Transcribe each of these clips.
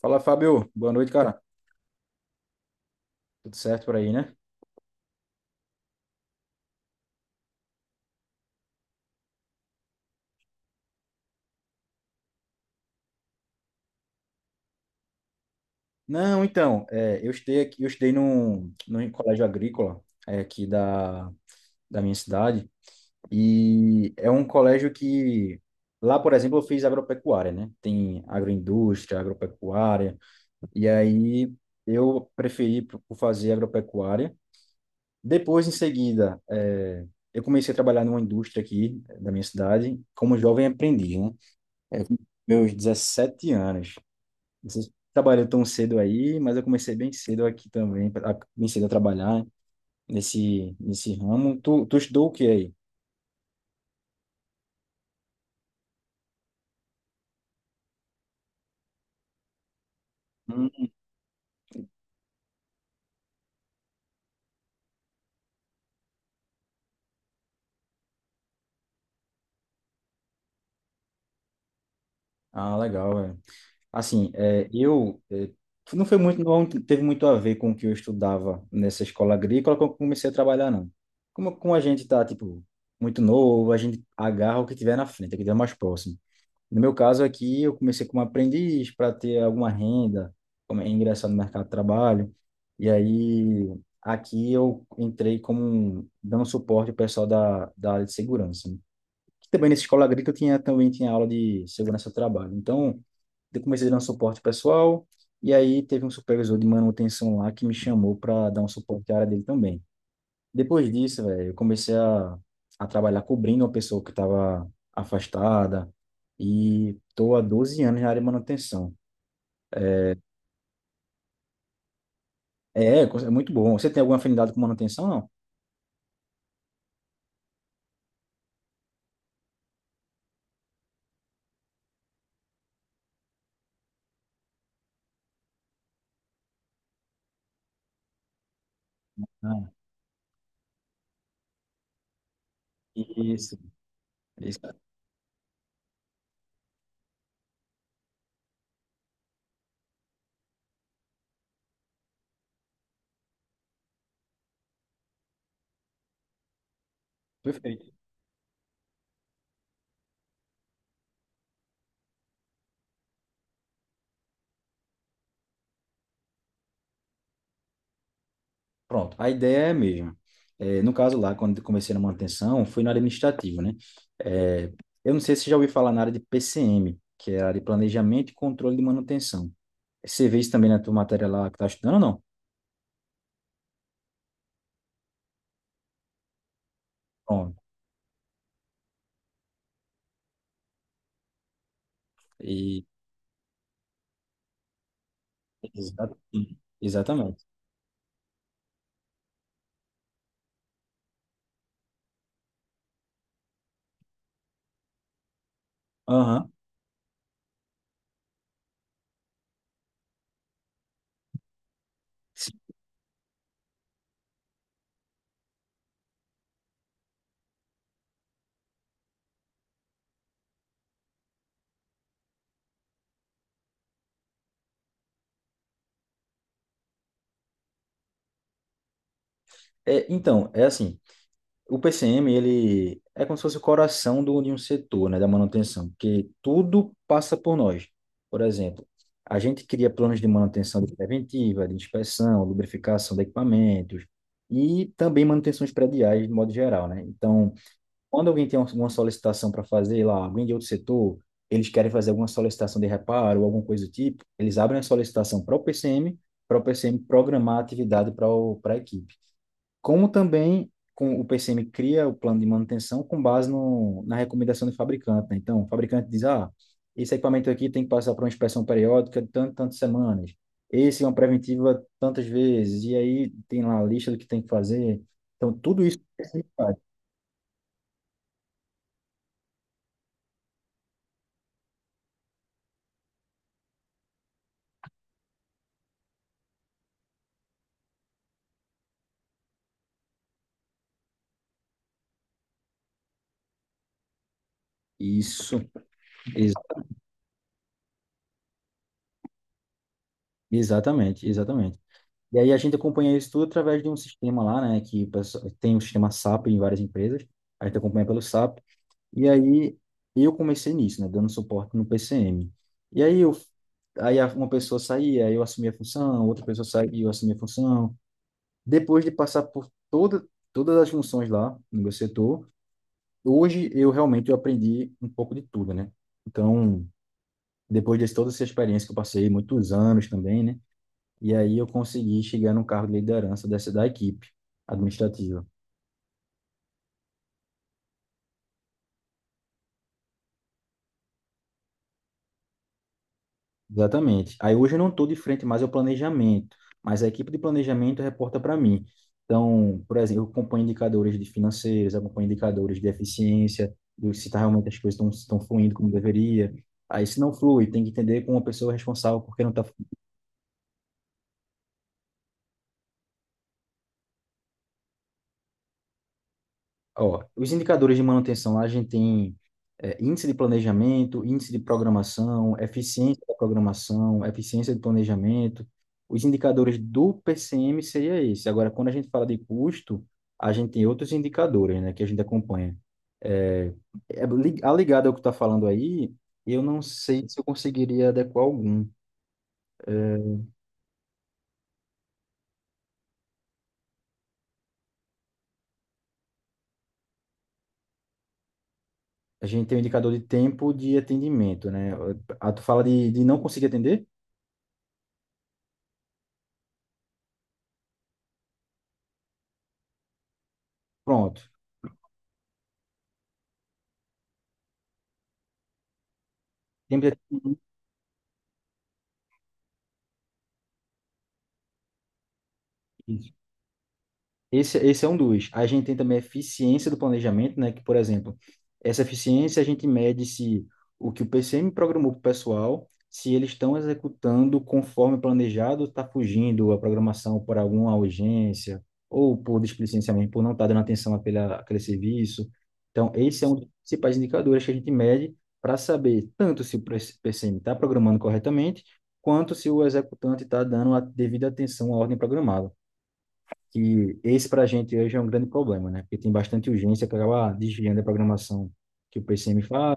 Fala, Fábio. Boa noite, cara. Tudo certo por aí, né? Não, então, é, eu estudei aqui, eu estudei num colégio agrícola aqui da minha cidade e é um colégio que lá, por exemplo, eu fiz agropecuária, né? Tem agroindústria, agropecuária e aí eu preferi por fazer agropecuária. Depois, em seguida, eu comecei a trabalhar numa indústria aqui da minha cidade como jovem aprendiz, né? Meus 17 anos. Você trabalhou tão cedo aí, mas eu comecei bem cedo aqui também, bem cedo a trabalhar nesse ramo. Tu estudou o que aí? Hum. Ah, legal, velho. Assim, é, eu é, não foi muito, não teve muito a ver com o que eu estudava nessa escola agrícola quando eu comecei a trabalhar, não. Como a gente tá, tipo, muito novo, a gente agarra o que tiver na frente, o que tiver mais próximo. No meu caso aqui, eu comecei como aprendiz para ter alguma renda, como é ingressar no mercado de trabalho. E aí, aqui eu entrei dando suporte ao pessoal da área de segurança, né? Que também nessa escola agrícola tinha também tinha aula de segurança do trabalho. Então, eu comecei dando suporte pessoal. E aí teve um supervisor de manutenção lá que me chamou para dar um suporte à área dele também. Depois disso, velho, eu comecei a trabalhar cobrindo uma pessoa que estava afastada e tô há 12 anos na área de manutenção. É, é muito bom. Você tem alguma afinidade com manutenção, não? Ah, isso, isso. Perfeito. Pronto, a ideia é a mesma. É, no caso lá, quando eu comecei na manutenção, fui na área administrativa, né? É, eu não sei se você já ouviu falar na área de PCM, que é a área de Planejamento e Controle de Manutenção. Você vê isso também na tua matéria lá que tá estudando ou não? Pronto. E Exa- exatamente. Aham. É, então, é assim, o PCM, ele é como se fosse o coração do, de um setor, né, da manutenção, porque tudo passa por nós. Por exemplo, a gente cria planos de manutenção preventiva, de inspeção, lubrificação de equipamentos e também manutenções prediais, de modo geral, né? Então, quando alguém tem alguma solicitação para fazer lá, alguém de outro setor, eles querem fazer alguma solicitação de reparo ou alguma coisa do tipo, eles abrem a solicitação para o PCM, para o PCM programar a atividade para a equipe. Como também com, o PCM cria o plano de manutenção com base no, na recomendação do fabricante, né? Então, o fabricante diz, ah, esse equipamento aqui tem que passar por uma inspeção periódica de tanto, tantas semanas. Esse é uma preventiva tantas vezes. E aí tem lá a lista do que tem que fazer. Então, tudo isso o PCM faz. Isso, exatamente, exatamente. E aí a gente acompanha isso tudo através de um sistema lá, né, que tem um sistema SAP em várias empresas, a gente acompanha pelo SAP, e aí eu comecei nisso, né, dando suporte no PCM. E aí eu, aí a- uma pessoa saía, eu assumia a função, outra pessoa saía, e eu assumia a função. Depois de passar por todas as funções lá no meu setor, hoje eu realmente eu aprendi um pouco de tudo, né? Então, depois de toda essa experiência que eu passei, muitos anos também, né? E aí eu consegui chegar no cargo de liderança dessa da equipe administrativa. Exatamente. Aí hoje eu não estou de frente mais ao planejamento, mas a equipe de planejamento reporta para mim. Então, por exemplo, eu acompanho indicadores de financeiros, acompanho indicadores de eficiência, do se tá realmente as coisas estão fluindo como deveria. Aí se não flui, tem que entender com a pessoa responsável porque não está. Ó, os indicadores de manutenção, lá a gente tem índice de planejamento, índice de programação, eficiência da programação, eficiência de planejamento. Os indicadores do PCM seria esse. Agora, quando a gente fala de custo, a gente tem outros indicadores, né, que a gente acompanha. É, a ligada ao que está falando aí, eu não sei se eu conseguiria adequar algum. É, a gente tem o indicador de tempo de atendimento, né? Ah, tu fala de não conseguir atender? Pronto. Tempo de atendimento. Esse é um dos. A gente tem também a eficiência do planejamento, né? Que, por exemplo, essa eficiência a gente mede se o que o PCM programou para o pessoal, se eles estão executando conforme planejado, está fugindo a programação por alguma urgência, ou por displicência mesmo, por não estar dando atenção àquele serviço. Então, esse é um dos principais indicadores que a gente mede para saber tanto se o PCM está programando corretamente, quanto se o executante está dando a devida atenção à ordem programada, que esse para a gente hoje é um grande problema, né? Porque tem bastante urgência que acaba desviando a programação que o PCM faz.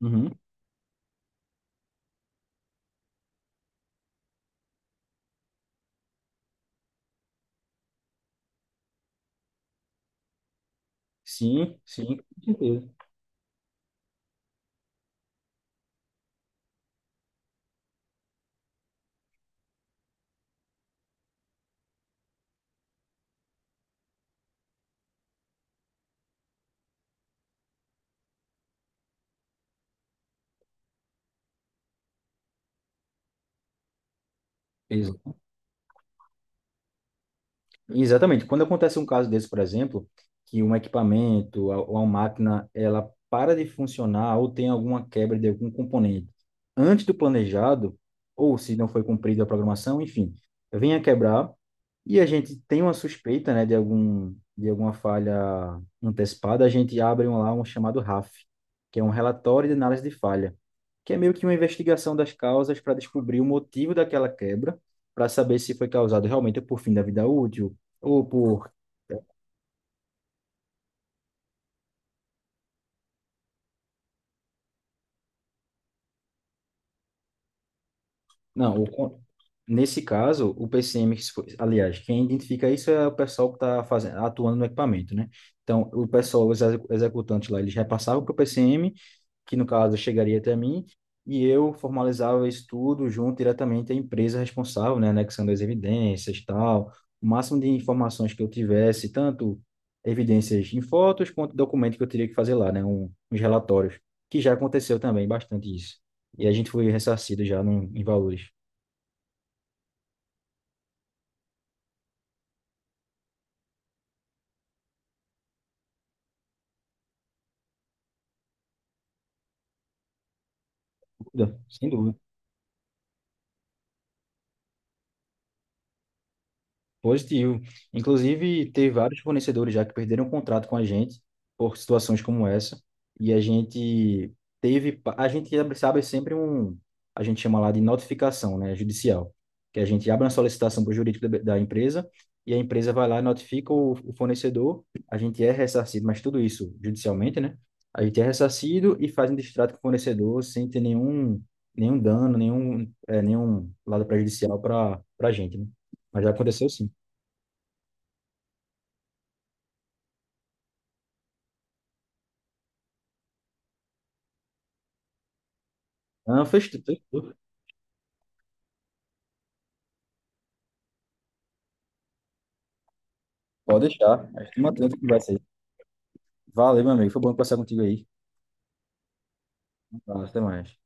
Uhum. Sim, sim, com certeza. Exatamente. Quando acontece um caso desse, por exemplo, que um equipamento ou uma máquina ela para de funcionar ou tem alguma quebra de algum componente antes do planejado, ou se não foi cumprida a programação, enfim, vem a quebrar e a gente tem uma suspeita, né, de algum de alguma falha antecipada, a gente abre um, lá um chamado RAF, que é um relatório de análise de falha, que é meio que uma investigação das causas para descobrir o motivo daquela quebra, para saber se foi causado realmente por fim da vida útil ou por. Não, o con- nesse caso, o PCM, que se foi- aliás, quem identifica isso é o pessoal que está fazendo, atuando no equipamento, né? Então, o pessoal, executantes lá, eles repassavam para o PCM, que no caso chegaria até mim, e eu formalizava isso tudo junto diretamente à empresa responsável, né, anexando as evidências, tal, o máximo de informações que eu tivesse, tanto evidências em fotos quanto documento que eu teria que fazer lá, né, uns relatórios, que já aconteceu também bastante isso. E a gente foi ressarcido já em valores. Sem dúvida. Sem dúvida. Positivo. Inclusive, teve vários fornecedores já que perderam o contrato com a gente por situações como essa. E a gente a gente sabe sempre um, a gente chama lá de notificação, né, judicial, que a gente abre uma solicitação para o jurídico da empresa e a empresa vai lá e notifica o fornecedor. A gente é ressarcido, mas tudo isso judicialmente, né? A gente é ressarcido e faz um distrato com o fornecedor sem ter nenhum, nenhum dano, nenhum lado prejudicial para a gente, né? Mas já aconteceu sim. Não, fez tudo, fez tudo. Pode deixar. A gente mantém outra conversa aí. Valeu, meu amigo. Foi bom conversar contigo aí. Valeu, até mais.